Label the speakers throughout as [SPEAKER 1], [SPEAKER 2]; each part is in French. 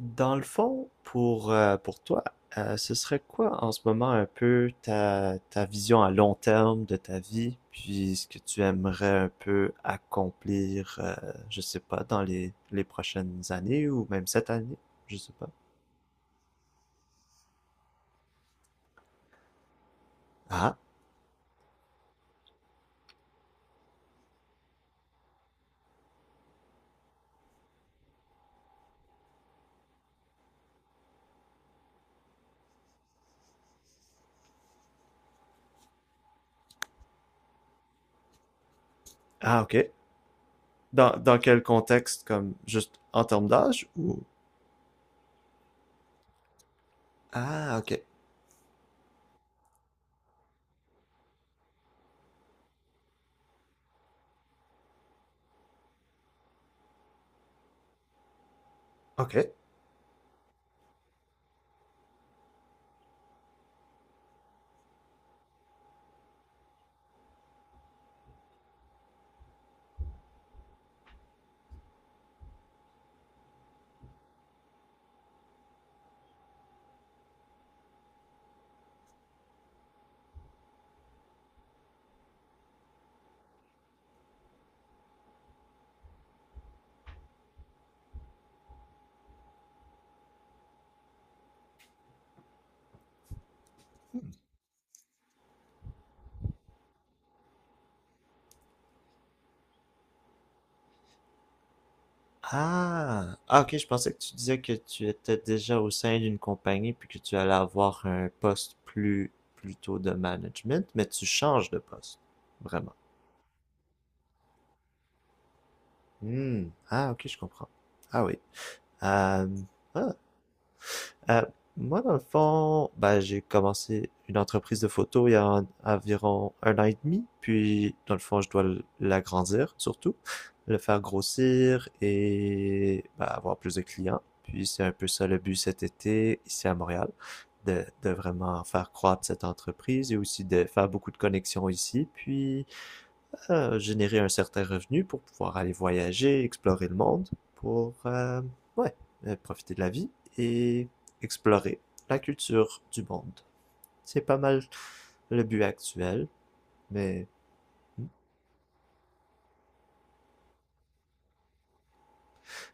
[SPEAKER 1] Dans le fond, pour toi, ce serait quoi en ce moment un peu ta vision à long terme de ta vie, puis ce que tu aimerais un peu accomplir, je sais pas, dans les prochaines années ou même cette année, je sais pas. Ah, ah, ok. Dans quel contexte, comme juste en termes d'âge ou... Ah, ok, ok. Ah! Ah, ok, je pensais que tu disais que tu étais déjà au sein d'une compagnie puis que tu allais avoir un poste plus plutôt de management, mais tu changes de poste. Vraiment. Hmm. Ah, ok, je comprends. Ah oui. Euh, ah, Euh, moi, dans le fond, ben, j'ai commencé une entreprise de photo il y a environ un an et demi, puis dans le fond, je dois l'agrandir surtout, le faire grossir et ben, avoir plus de clients. Puis c'est un peu ça le but cet été ici à Montréal, de vraiment faire croître cette entreprise et aussi de faire beaucoup de connexions ici, puis à générer un certain revenu pour pouvoir aller voyager, explorer le monde, pour ouais, profiter de la vie et explorer la culture du monde. C'est pas mal le but actuel, mais hmm,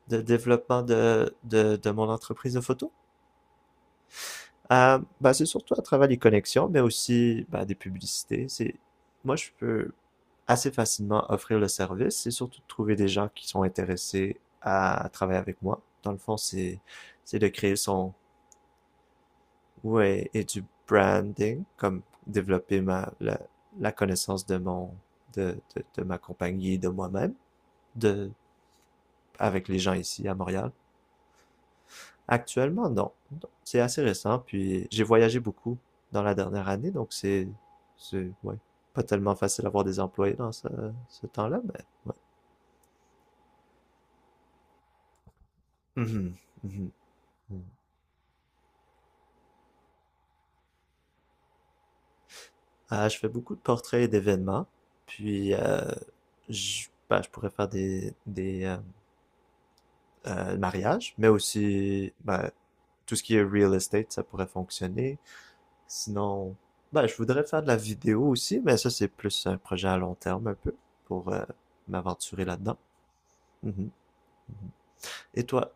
[SPEAKER 1] de développement de mon entreprise de photo. Bah, c'est surtout à travers les connexions, mais aussi bah, des publicités. C'est moi, je peux assez facilement offrir le service. C'est surtout de trouver des gens qui sont intéressés à travailler avec moi. Dans le fond, c'est de créer son ouais et du branding, comme développer la connaissance de mon de ma compagnie et de moi-même, de avec les gens ici à Montréal. Actuellement, non. Non. C'est assez récent, puis j'ai voyagé beaucoup dans la dernière année, donc c'est, ouais, pas tellement facile d'avoir des employés dans ce temps-là, mais ouais. Mhm, mhm, mhm. Ah, je fais beaucoup de portraits et d'événements, puis je, ben, je pourrais faire des mariages, mais aussi ben, tout ce qui est real estate, ça pourrait fonctionner. Sinon, ben, je voudrais faire de la vidéo aussi, mais ça, c'est plus un projet à long terme un peu pour m'aventurer là-dedans. Mhm. Et toi?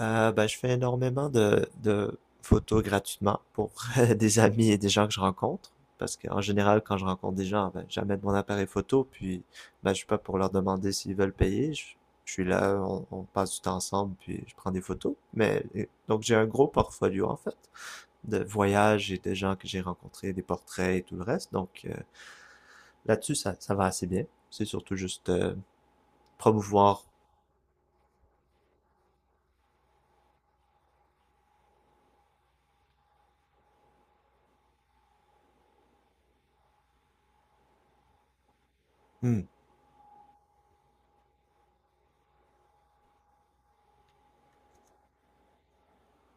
[SPEAKER 1] Ben, je fais énormément de photos gratuitement pour des amis et des gens que je rencontre. Parce qu'en général, quand je rencontre des gens, ben, j'amène mon appareil photo, puis ben, je suis pas pour leur demander s'ils veulent payer. Je suis là, on passe du temps ensemble, puis je prends des photos. Mais, donc j'ai un gros portfolio en fait. De voyages et de gens que j'ai rencontrés, des portraits et tout le reste. Donc là-dessus, ça va assez bien. C'est surtout juste promouvoir. Hmm.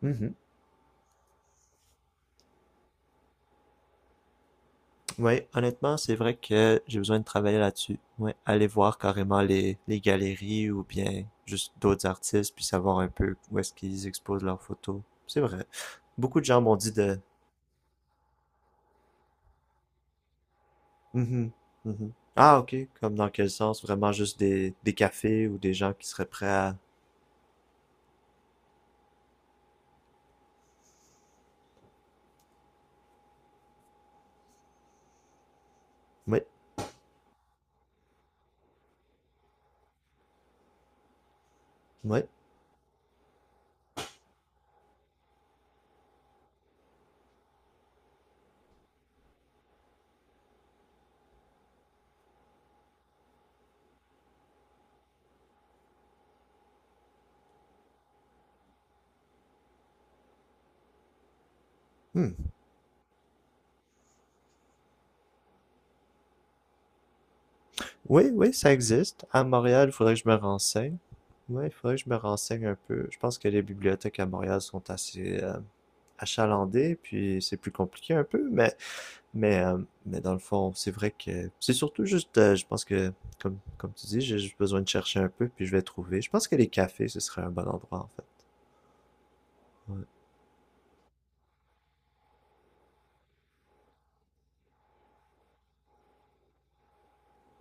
[SPEAKER 1] Mhm. Ouais, honnêtement, c'est vrai que j'ai besoin de travailler là-dessus. Ouais, aller voir carrément les galeries ou bien juste d'autres artistes, puis savoir un peu où est-ce qu'ils exposent leurs photos. C'est vrai. Beaucoup de gens m'ont dit de... Mhm, mhm. Ah, ok. Comme dans quel sens? Vraiment juste des cafés ou des gens qui seraient prêts à... Oui, oui. Hmm. Oui, oui, ça existe. À Montréal, il faudrait que je me renseigne. Ouais, faudrait que je me renseigne un peu. Je pense que les bibliothèques à Montréal sont assez achalandées, puis c'est plus compliqué un peu, mais mais euh, mais dans le fond, c'est vrai que c'est surtout juste, je pense que comme comme tu dis, j'ai juste besoin de chercher un peu, puis je vais trouver. Je pense que les cafés, ce serait un bon endroit en fait. Ouais.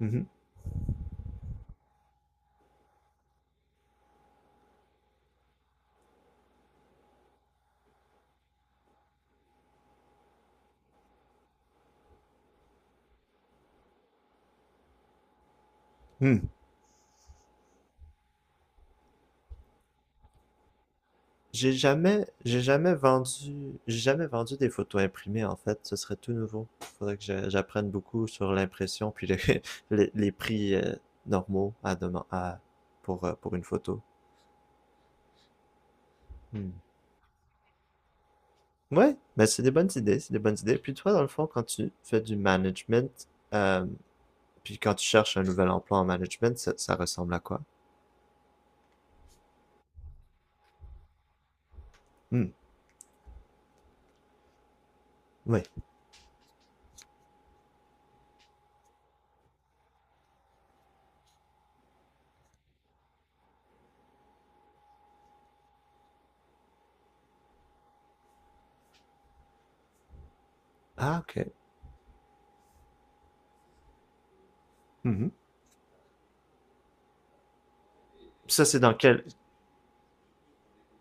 [SPEAKER 1] Mhm. Hmm. J'ai jamais vendu des photos imprimées en fait. Ce serait tout nouveau. Faudrait que j'apprenne beaucoup sur l'impression puis le- les prix normaux à pour une photo. Hmm. Ouais, mais c'est des bonnes idées, c'est des bonnes idées. Puis toi, dans le fond, quand tu fais du management, euh, puis quand tu cherches un nouvel emploi en management, ça ressemble à quoi? Hmm. Ouais. Ah, ok. Mhm. Ça,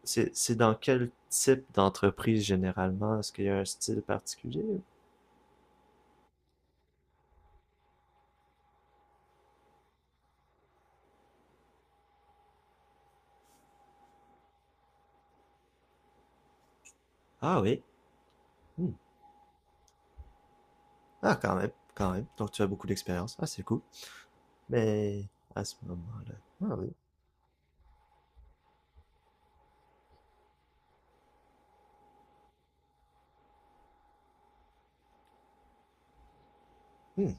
[SPEAKER 1] c'est dans quel type d'entreprise généralement? Est-ce qu'il y a un style particulier. Ah oui. Hmm. Ah, quand même, quand même. Donc, tu as beaucoup d'expérience. Ah, c'est cool. Mais à ce moment-là. Ah oui. Hmm.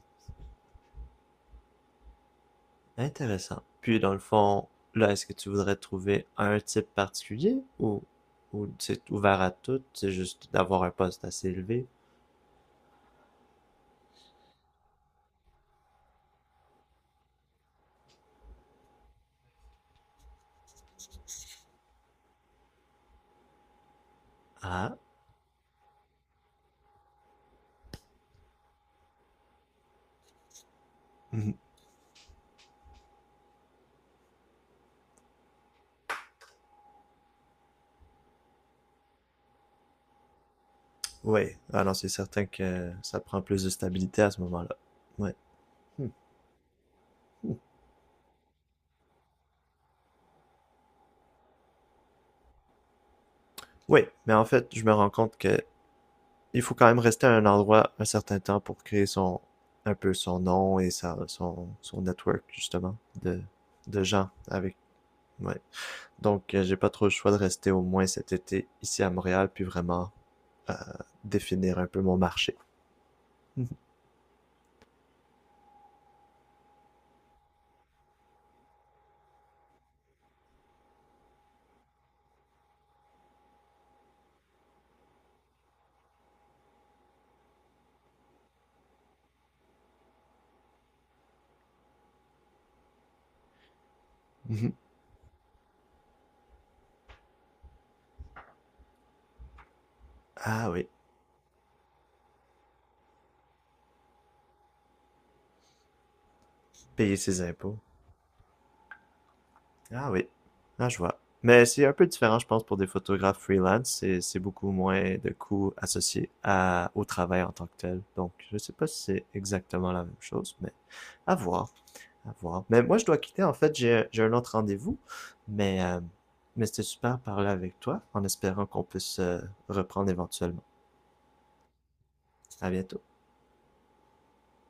[SPEAKER 1] Intéressant. Puis, dans le fond, là, est-ce que tu voudrais trouver un type particulier ou c'est ouvert à tout? C'est juste d'avoir un poste assez élevé? Ah. Hmm. Oui. Ah non, c'est certain que ça prend plus de stabilité à ce moment-là. Ouais. Hmm. Hmm. Oui, mais en fait, je me rends compte que il faut quand même rester à un endroit un certain temps pour créer son un peu son nom et son network justement de, de gens avec ouais. Donc j'ai pas trop le choix de rester au moins cet été ici à Montréal puis vraiment euh, définir un peu mon marché. Ah oui, payer ses impôts. Ah oui, ah je vois. Mais c'est un peu différent, je pense, pour des photographes freelance. C'est beaucoup moins de coûts associés à, au travail en tant que tel. Donc, je sais pas si c'est exactement la même chose, mais à voir. À voir. Mais moi, je dois quitter. En fait, j'ai un autre rendez-vous. Mais, euh, mais c'était super de parler avec toi en espérant qu'on puisse reprendre éventuellement. À bientôt.